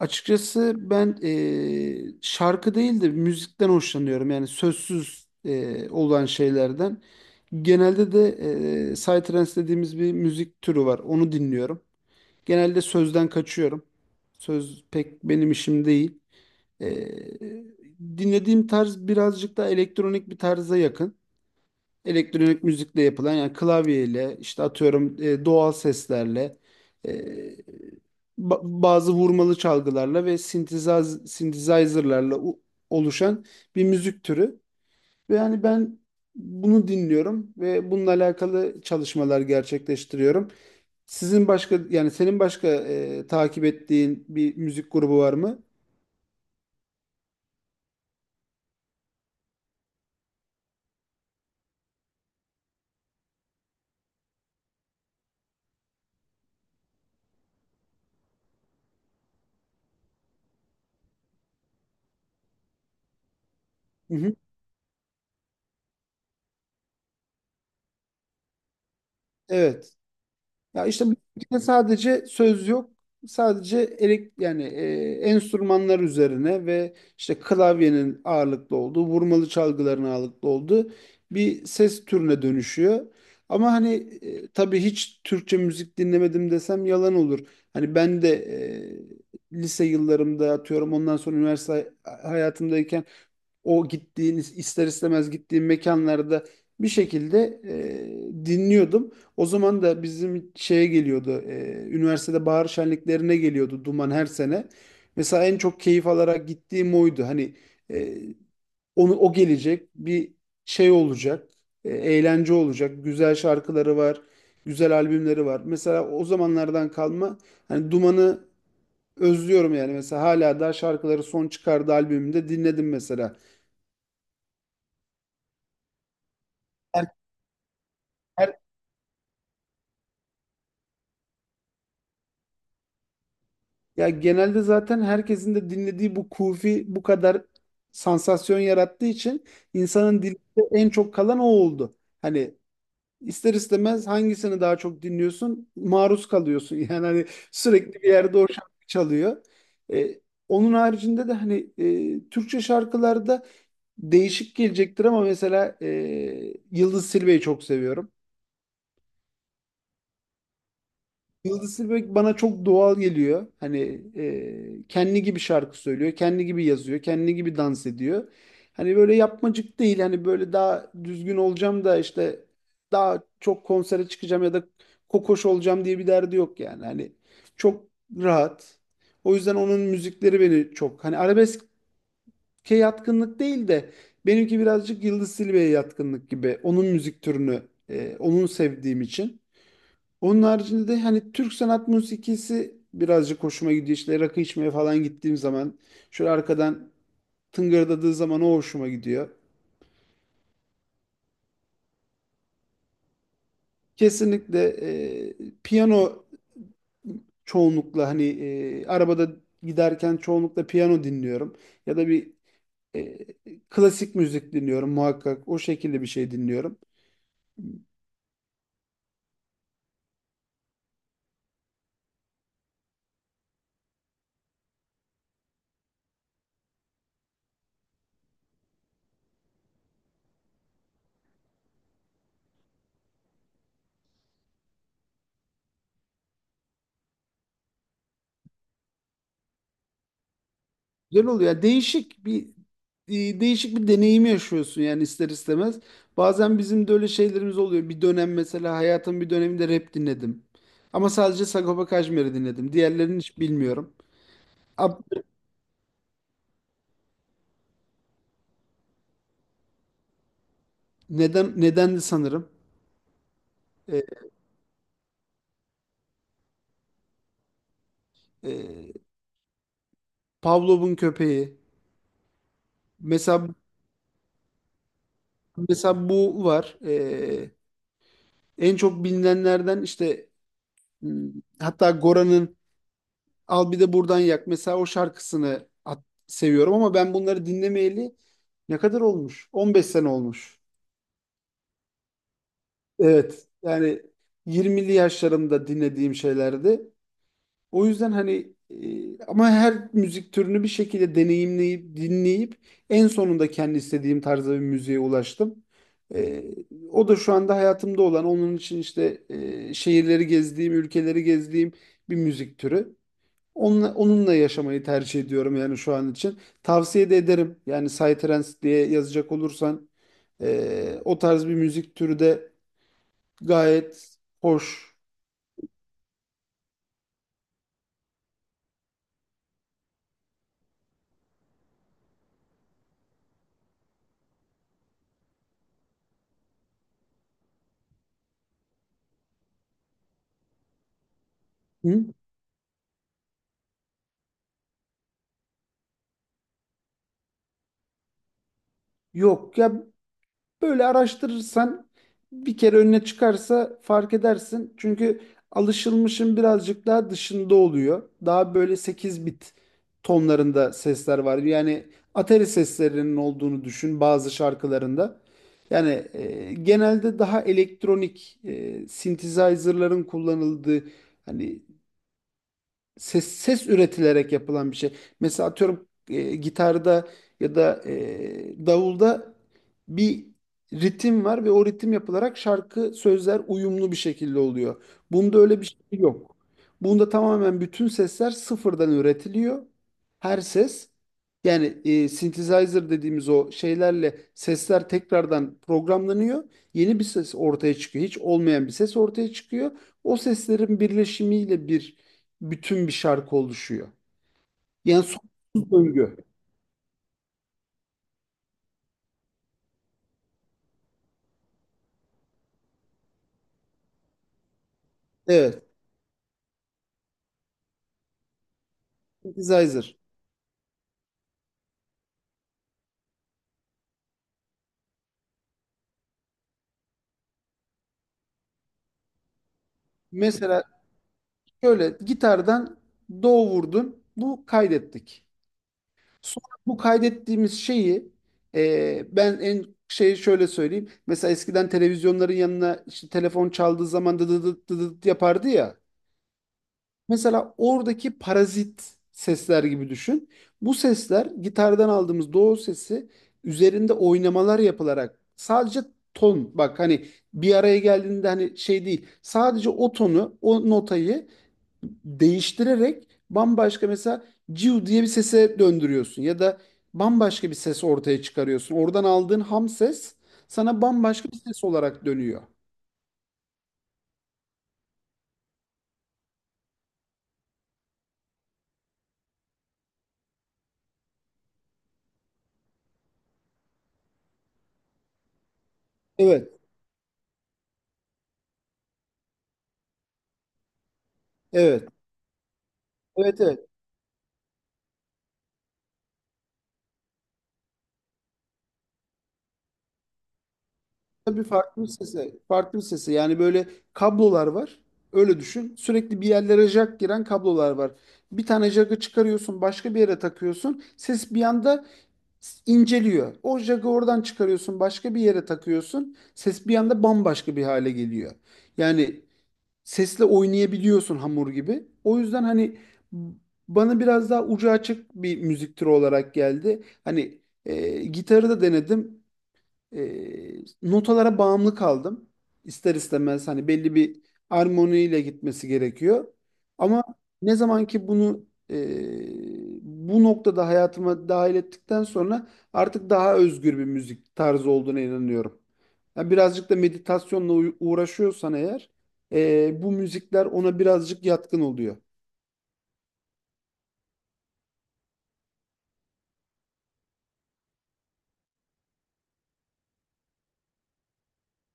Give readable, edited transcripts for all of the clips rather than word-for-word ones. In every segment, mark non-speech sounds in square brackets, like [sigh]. Açıkçası ben şarkı değil de müzikten hoşlanıyorum. Yani sözsüz olan şeylerden. Genelde de psytrance dediğimiz bir müzik türü var. Onu dinliyorum. Genelde sözden kaçıyorum. Söz pek benim işim değil. Eee, Dinlediğim tarz birazcık daha elektronik bir tarza yakın, elektronik müzikle yapılan, yani klavyeyle işte atıyorum, doğal seslerle, e, bazı vurmalı çalgılarla ve synthesizer'larla oluşan bir müzik türü. Ve yani ben bunu dinliyorum ve bununla alakalı çalışmalar gerçekleştiriyorum. Sizin başka yani senin başka takip ettiğin bir müzik grubu var mı? Hı hı. Evet. Ya işte müzikte sadece söz yok. Sadece elek yani enstrümanlar üzerine ve işte klavyenin ağırlıklı olduğu, vurmalı çalgıların ağırlıklı olduğu bir ses türüne dönüşüyor. Ama hani tabii hiç Türkçe müzik dinlemedim desem yalan olur. Hani ben de lise yıllarımda, atıyorum, ondan sonra üniversite hayatımdayken, o gittiğiniz ister istemez gittiğim mekanlarda bir şekilde dinliyordum. O zaman da bizim şeye geliyordu. Üniversitede bahar şenliklerine geliyordu Duman her sene. Mesela en çok keyif alarak gittiğim oydu. Hani e, o gelecek bir şey olacak. Eğlence olacak. Güzel şarkıları var. Güzel albümleri var. Mesela o zamanlardan kalma hani Duman'ı özlüyorum, yani mesela hala da şarkıları, son çıkardığı albümünde dinledim mesela. Her, Ya genelde zaten herkesin de dinlediği, bu kufi bu kadar sansasyon yarattığı için insanın dilinde en çok kalan o oldu. Hani ister istemez hangisini daha çok dinliyorsun, maruz kalıyorsun. [laughs] Yani hani sürekli bir yerde o şarkı çalıyor. E, Onun haricinde de hani Türkçe şarkılarda değişik gelecektir ama mesela Yıldız Silve'yi çok seviyorum. Yıldız Tilbe bana çok doğal geliyor. Hani kendi gibi şarkı söylüyor, kendi gibi yazıyor, kendi gibi dans ediyor. Hani böyle yapmacık değil. Hani böyle daha düzgün olacağım da, işte daha çok konsere çıkacağım ya da kokoş olacağım diye bir derdi yok yani. Hani çok rahat. O yüzden onun müzikleri beni çok hani arabeske yatkınlık değil de, benimki birazcık Yıldız Tilbe'ye yatkınlık gibi. Onun müzik türünü onun sevdiğim için. Onun haricinde de hani Türk sanat musikisi birazcık hoşuma gidiyor. İşte rakı içmeye falan gittiğim zaman şöyle arkadan tıngırdadığı zaman o hoşuma gidiyor. Kesinlikle e, piyano, çoğunlukla hani arabada giderken çoğunlukla piyano dinliyorum. Ya da bir e, klasik müzik dinliyorum muhakkak. O şekilde bir şey dinliyorum. Güzel oluyor. Yani değişik bir değişik bir deneyimi yaşıyorsun yani ister istemez. Bazen bizim de öyle şeylerimiz oluyor. Bir dönem, mesela hayatım bir döneminde rap dinledim. Ama sadece Sagopa Kajmer'i dinledim. Diğerlerini hiç bilmiyorum. Ab Neden, nedendi sanırım. E, e, Pavlov'un köpeği. Mesela mesela bu var. E, en çok bilinenlerden, işte hmm, hatta Gora'nın Al Bir De Buradan Yak. Mesela o şarkısını seviyorum ama ben bunları dinlemeyeli ne kadar olmuş? 15 sene olmuş. Evet. Yani 20'li yaşlarımda dinlediğim şeylerdi. O yüzden hani ama her müzik türünü bir şekilde deneyimleyip dinleyip en sonunda kendi istediğim tarzda bir müziğe ulaştım. E, O da şu anda hayatımda olan, onun için işte şehirleri gezdiğim, ülkeleri gezdiğim bir müzik türü. Onunla, onunla yaşamayı tercih ediyorum yani şu an için. Tavsiye de ederim. Yani Psytrance diye yazacak olursan o tarz bir müzik türü de gayet hoş. Hı? Yok ya, böyle araştırırsan bir kere önüne çıkarsa fark edersin. Çünkü alışılmışın birazcık daha dışında oluyor. Daha böyle 8 bit tonlarında sesler var. Yani atari seslerinin olduğunu düşün bazı şarkılarında. Yani genelde daha elektronik, synthesizer'ların kullanıldığı, hani ses üretilerek yapılan bir şey. Mesela atıyorum gitarda ya da davulda bir ritim var ve o ritim yapılarak şarkı sözler uyumlu bir şekilde oluyor. Bunda öyle bir şey yok. Bunda tamamen bütün sesler sıfırdan üretiliyor. Her ses yani synthesizer dediğimiz o şeylerle sesler tekrardan programlanıyor. Yeni bir ses ortaya çıkıyor. Hiç olmayan bir ses ortaya çıkıyor. O seslerin birleşimiyle bütün bir şarkı oluşuyor. Yani sonsuz döngü. Evet, synthesizer. Mesela şöyle gitardan do vurdun, bu kaydettik. Sonra bu kaydettiğimiz şeyi ben en şey şöyle söyleyeyim. Mesela eskiden televizyonların yanına işte telefon çaldığı zaman dı dı dı dı dı yapardı ya. Mesela oradaki parazit sesler gibi düşün. Bu sesler gitardan aldığımız doğu sesi üzerinde oynamalar yapılarak sadece ton, bak hani, bir araya geldiğinde hani şey değil, sadece o tonu, o notayı değiştirerek bambaşka, mesela ciu diye bir sese döndürüyorsun ya da bambaşka bir ses ortaya çıkarıyorsun. Oradan aldığın ham ses sana bambaşka bir ses olarak dönüyor. Evet, evet, evet, evet. Tabii farklı bir sesi. Farklı bir sesi. Yani böyle kablolar var. Öyle düşün. Sürekli bir yerlere jack giren kablolar var. Bir tane jack'ı çıkarıyorsun, başka bir yere takıyorsun. Ses bir anda inceliyor. O jack'ı oradan çıkarıyorsun, başka bir yere takıyorsun. Ses bir anda bambaşka bir hale geliyor. Yani sesle oynayabiliyorsun hamur gibi. O yüzden hani b- bana biraz daha ucu açık bir müzik türü olarak geldi. Hani gitarı da denedim, e, notalara bağımlı kaldım. İster istemez hani belli bir armoniyle gitmesi gerekiyor. Ama ne zaman ki bunu bu noktada hayatıma dahil ettikten sonra, artık daha özgür bir müzik tarzı olduğuna inanıyorum. Yani birazcık da meditasyonla uğraşıyorsan eğer, bu müzikler ona birazcık yatkın oluyor.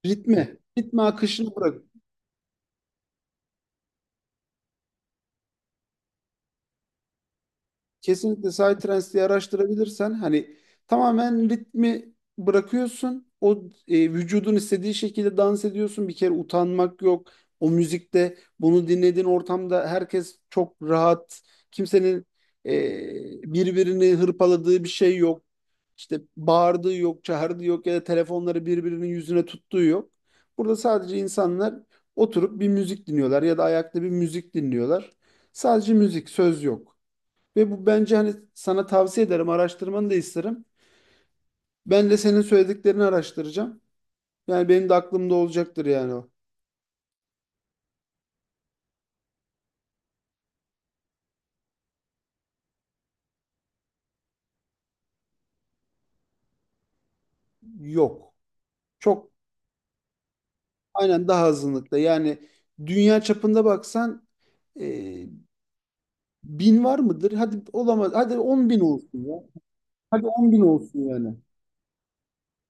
Ritme, ritme akışını bırak. Kesinlikle Psytrance araştırabilirsen hani tamamen ritmi bırakıyorsun. O, vücudun istediği şekilde dans ediyorsun. Bir kere utanmak yok. O müzikte, bunu dinlediğin ortamda, herkes çok rahat. Kimsenin e, birbirini hırpaladığı bir şey yok. İşte bağırdığı yok, çağırdığı yok ya da telefonları birbirinin yüzüne tuttuğu yok. Burada sadece insanlar oturup bir müzik dinliyorlar ya da ayakta bir müzik dinliyorlar. Sadece müzik, söz yok. Ve bu, bence hani sana tavsiye ederim, araştırmanı da isterim. Ben de senin söylediklerini araştıracağım. Yani benim de aklımda olacaktır yani o. Yok. Çok, aynen, daha azınlıkta. Yani dünya çapında baksan e, 1.000 var mıdır? Hadi olamaz. Hadi 10.000 olsun ya. Hadi 10.000 olsun yani.